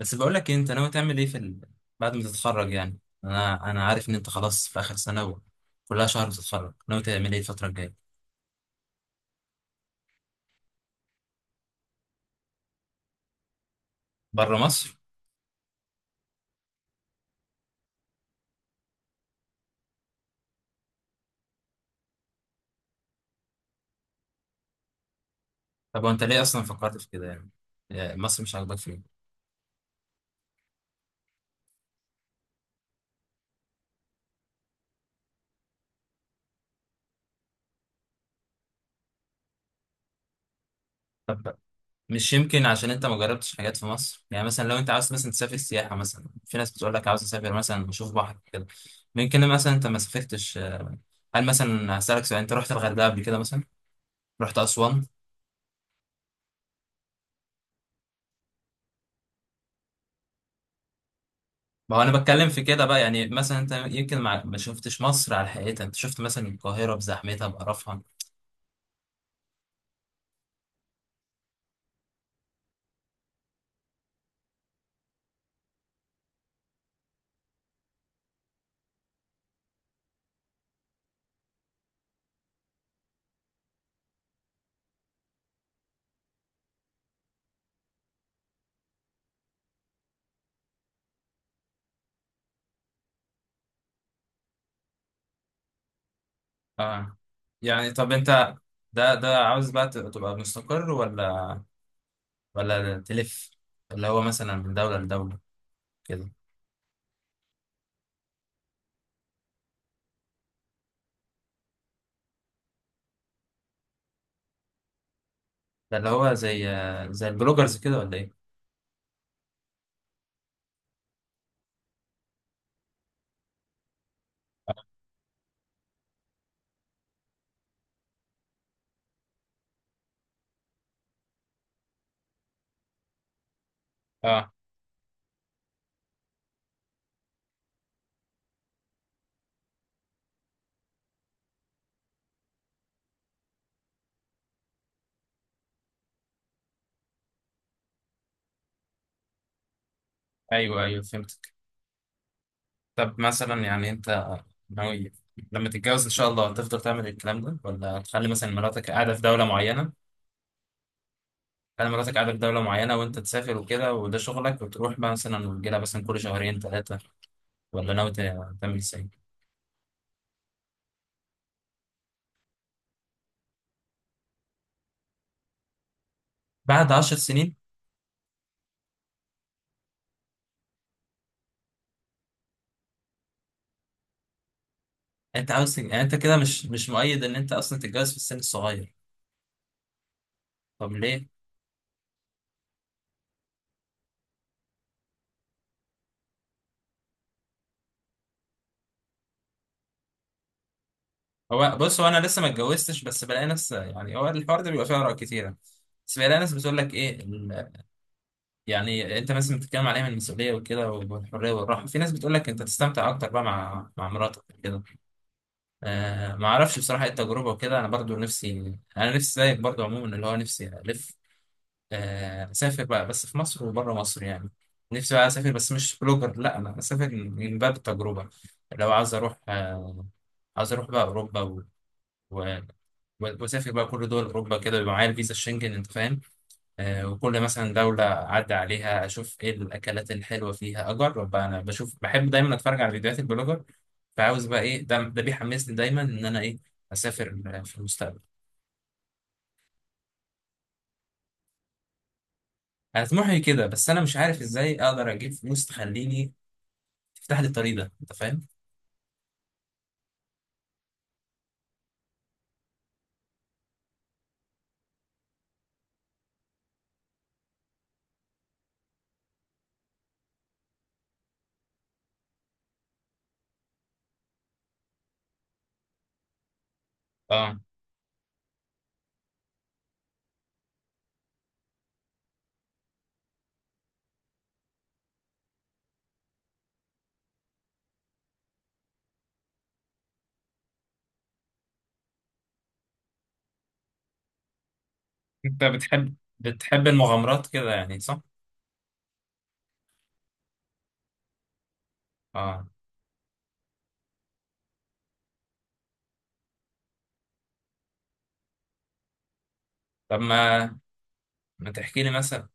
بس بقول لك إيه، انت ناوي تعمل ايه في ال... بعد ما تتخرج يعني. انا عارف ان انت خلاص في اخر سنه وكلها شهر بتتخرج، ناوي تعمل ايه الفتره الجايه؟ بره مصر. طب وانت ليه اصلا فكرت في كده يعني؟ يعني مصر مش عاجباك فين؟ طب مش يمكن عشان انت ما جربتش حاجات في مصر؟ يعني مثلا لو انت عاوز مثلا تسافر سياحه، مثلا في ناس بتقول لك عاوز اسافر مثلا اشوف بحر كده. يمكن مثلا انت ما سافرتش هل مثلا، هسألك سؤال، انت رحت الغردقه قبل كده مثلا؟ رحت اسوان؟ ما هو انا بتكلم في كده بقى. يعني مثلا انت يمكن مع... ما شفتش مصر على حقيقتها، انت شفت مثلا القاهرة بزحمتها بقرفها. اه يعني، طب انت ده ده عاوز بقى تبقى مستقر ولا ولا تلف، اللي هو مثلا من دولة لدولة كده؟ ده اللي هو زي زي البلوجرز كده ولا ايه؟ اه. ايوه ايوه فهمتك. طب مثلا يعني انت ناوي لما تتجوز ان شاء الله تفضل تعمل الكلام ده، ولا تخلي مثلا مراتك قاعدة في دولة معينة؟ انا مراتك قاعده في دوله معينه وانت تسافر وكده وده شغلك، وتروح بقى مثلا وتجيلها مثلا كل شهرين ثلاثه، ولا ناوي تعمل ازاي؟ بعد عشر سنين؟ انت عاوز يعني انت كده مش مؤيد ان انت اصلا تتجوز في السن الصغير؟ طب ليه؟ هو بص، هو انا لسه ما اتجوزتش، بس بلاقي ناس يعني هو الحوار ده بيبقى فيه اراء كتيره. بس بلاقي ناس بتقول لك ايه يعني انت مثلا بتتكلم عليها من المسؤوليه وكده والحريه والراحه، في ناس بتقول لك انت تستمتع اكتر بقى مع مع مراتك كده. آه ما اعرفش بصراحه ايه التجربه وكده. انا برضو نفسي، انا نفسي زيك برضو عموما، اللي هو نفسي الف آه اسافر بقى بس في مصر وبره مصر يعني. نفسي بقى اسافر بس مش بلوجر، لا انا اسافر من باب التجربه. لو عاوز اروح آه عاوز اروح بقى اوروبا و... و... واسافر بقى كل دول اوروبا كده، يبقى معايا الفيزا الشنجن انت فاهم؟ آه، وكل مثلا دولة أعدي عليها أشوف إيه الأكلات الحلوة فيها، أجرب بقى. أنا بشوف، بحب دايما أتفرج على فيديوهات البلوجر. فعاوز بقى إيه، ده ده بيحمسني دايما إن أنا إيه أسافر في المستقبل. أنا طموحي كده، بس أنا مش عارف إزاي أقدر أجيب فلوس تخليني، تفتح لي الطريق ده أنت فاهم؟ آه. أنت بتحب المغامرات كده يعني صح؟ آه. طب ما تحكي لي مثلا،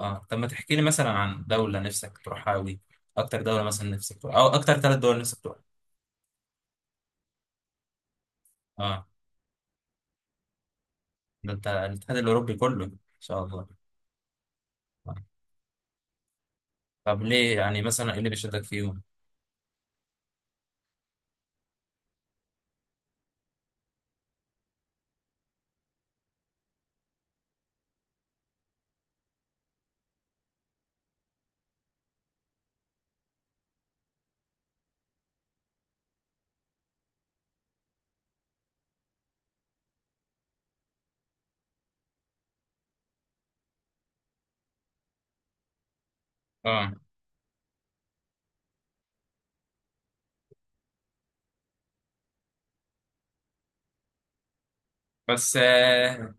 آه طب ما تحكي لي مثلا عن دولة نفسك تروحها أوي. أكتر دولة مثلا نفسك تروحها، أو أكتر ثلاث دول نفسك تروحها. آه. ده انت الاتحاد الاوروبي كله ان شاء الله. طب ليه؟ يعني مثلا ايه اللي بيشدك فيهم؟ اه. بس آه،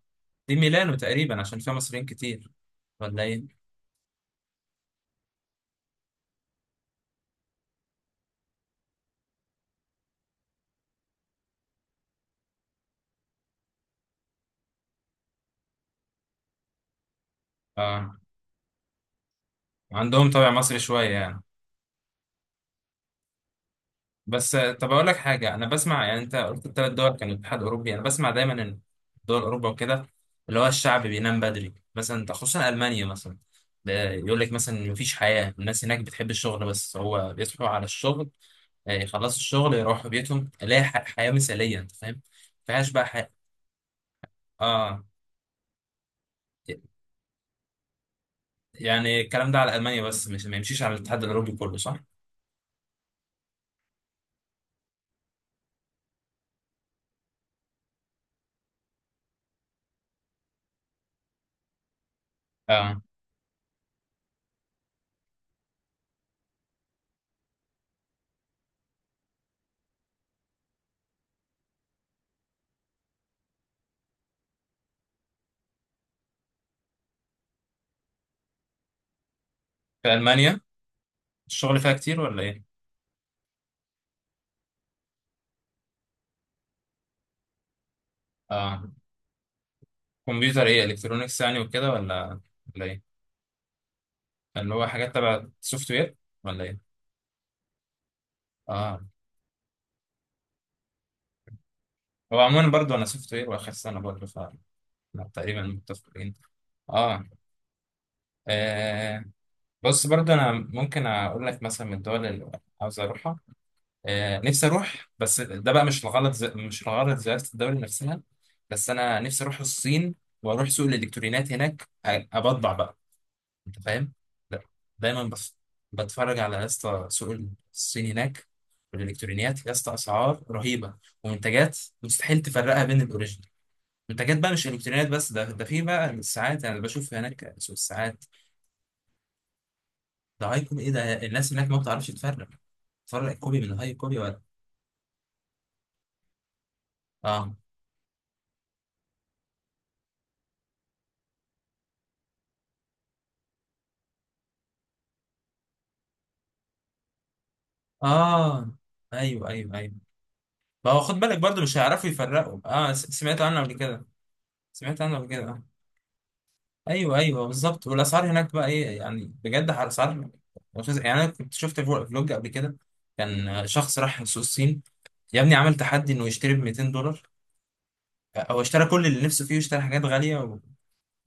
دي ميلانو تقريبا عشان فيها مصريين كتير، ولا ايه؟ اه، عندهم طابع مصري شويه يعني. بس آه، طب اقول لك حاجه، انا بسمع، يعني انت قلت الثلاث دول كانوا اتحاد اوروبي، انا بسمع دايما ان دول اوروبا وكده، اللي هو الشعب بينام بدري مثلا، ده خصوصا المانيا مثلا. ب- يقول لك مثلا إن مفيش حياه، الناس هناك بتحب الشغل، بس هو بيصحوا على الشغل آه، يخلصوا الشغل يروحوا بيتهم، الاقي حياه مثاليه انت فاهم، مفيهاش بقى حياه. اه يعني الكلام ده على المانيا بس، مش ما يمشيش على الاتحاد الاوروبي كله صح؟ اه. في المانيا الشغل فيها كتير ولا ايه؟ اه. كمبيوتر ايه، الكترونيكس يعني وكده ولا ولا ايه؟ اللي هو حاجات تبع سوفت وير ولا ايه؟ اه. هو عموما برضه انا سوفت وير واخر سنه برضه، فاحنا تقريبا متفقين. آه. اه. بص برضه انا ممكن اقول لك مثلا من الدول اللي عاوز اروحها، آه. نفسي اروح، بس ده بقى مش الغلط ز... مش الغرض زيارة الدولة نفسها، بس انا نفسي اروح الصين واروح سوق الالكترونيات هناك، ابضع بقى انت فاهم؟ لا. دايما بس بتفرج على يا اسطى سوق الصين هناك، والالكترونيات يا اسطى اسعار رهيبه، ومنتجات مستحيل تفرقها بين الاوريجينال. منتجات بقى مش الكترونيات بس، ده ده في بقى الساعات، انا بشوف هناك سوق الساعات. ده هاي كوبي ايه، ده الناس هناك ما بتعرفش تفرق، تفرق كوبي من هاي كوبي ولا؟ اه اه. ايوه ايوه ايوه. ما هو خد بالك برضو مش هيعرفوا يفرقوا، اه سمعت عنه قبل كده. سمعت عنه قبل كده آه. ايوه ايوه بالظبط. والاسعار هناك بقى ايه يعني، بجد اسعار مش عايز- يعني انا كنت شفت فلوج قبل كده، كان شخص راح سوق الصين، يا ابني عمل تحدي انه يشتري ب 200 دولار. هو اشترى كل اللي نفسه فيه واشترى حاجات غاليه،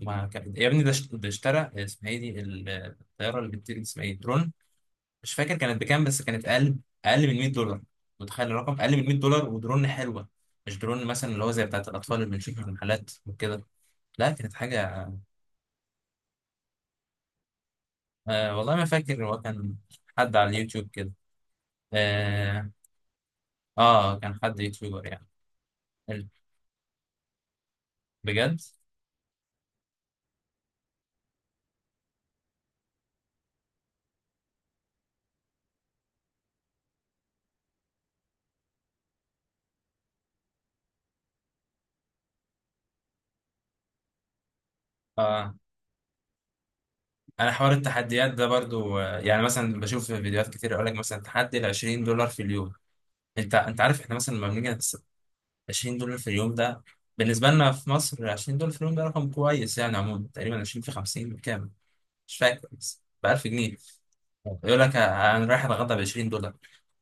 وما كان يا ابني ده ده اشترى، اسمها ايه دي الطياره اللي بتطير دي، اسمها ايه، درون. مش فاكر كانت بكام، بس كانت اقل، اقل من 100 دولار. متخيل الرقم، اقل من 100 دولار، ودرون حلوه، مش درون مثلا اللي هو زي بتاعت الاطفال اللي بنشوفها في المحلات وكده، لا كانت حاجه. آه والله ما فاكر، هو كان حد على اليوتيوب كده آه, اه كان حد يوتيوبر يعني. ال- بجد. اه. انا حوار التحديات ده برضو آه يعني مثلا بشوف في فيديوهات كتير، يقول لك مثلا تحدي ال 20 دولار في اليوم. انت انت عارف احنا مثلا لما بنيجي نحسب 20 دولار في اليوم ده، بالنسبه لنا في مصر 20 دولار في اليوم ده رقم كويس يعني. عموما تقريبا 20 في 50 بكام، مش فاكر، بس ب 1000 جنيه. يقول لك آه، انا رايح اتغدى ب 20 دولار،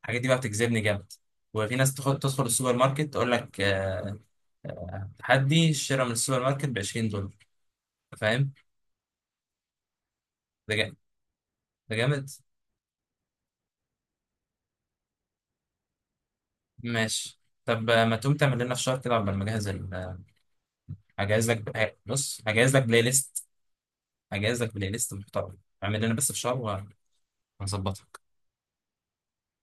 الحاجات دي بقى بتجذبني جامد. وفي ناس تدخل السوبر ماركت تقول لك آه، تحدي الشراء من السوبر ماركت ب 20 دولار فاهم؟ ده جامد. ده جامد. ماشي. طب آه، ما تقوم تعمل لنا فشار كده قبل ما اجهز هجهز لك بص هجهز لك بلاي ليست، هجهز لك بلاي ليست محترم، اعمل لنا بس فشار وهنظبطها.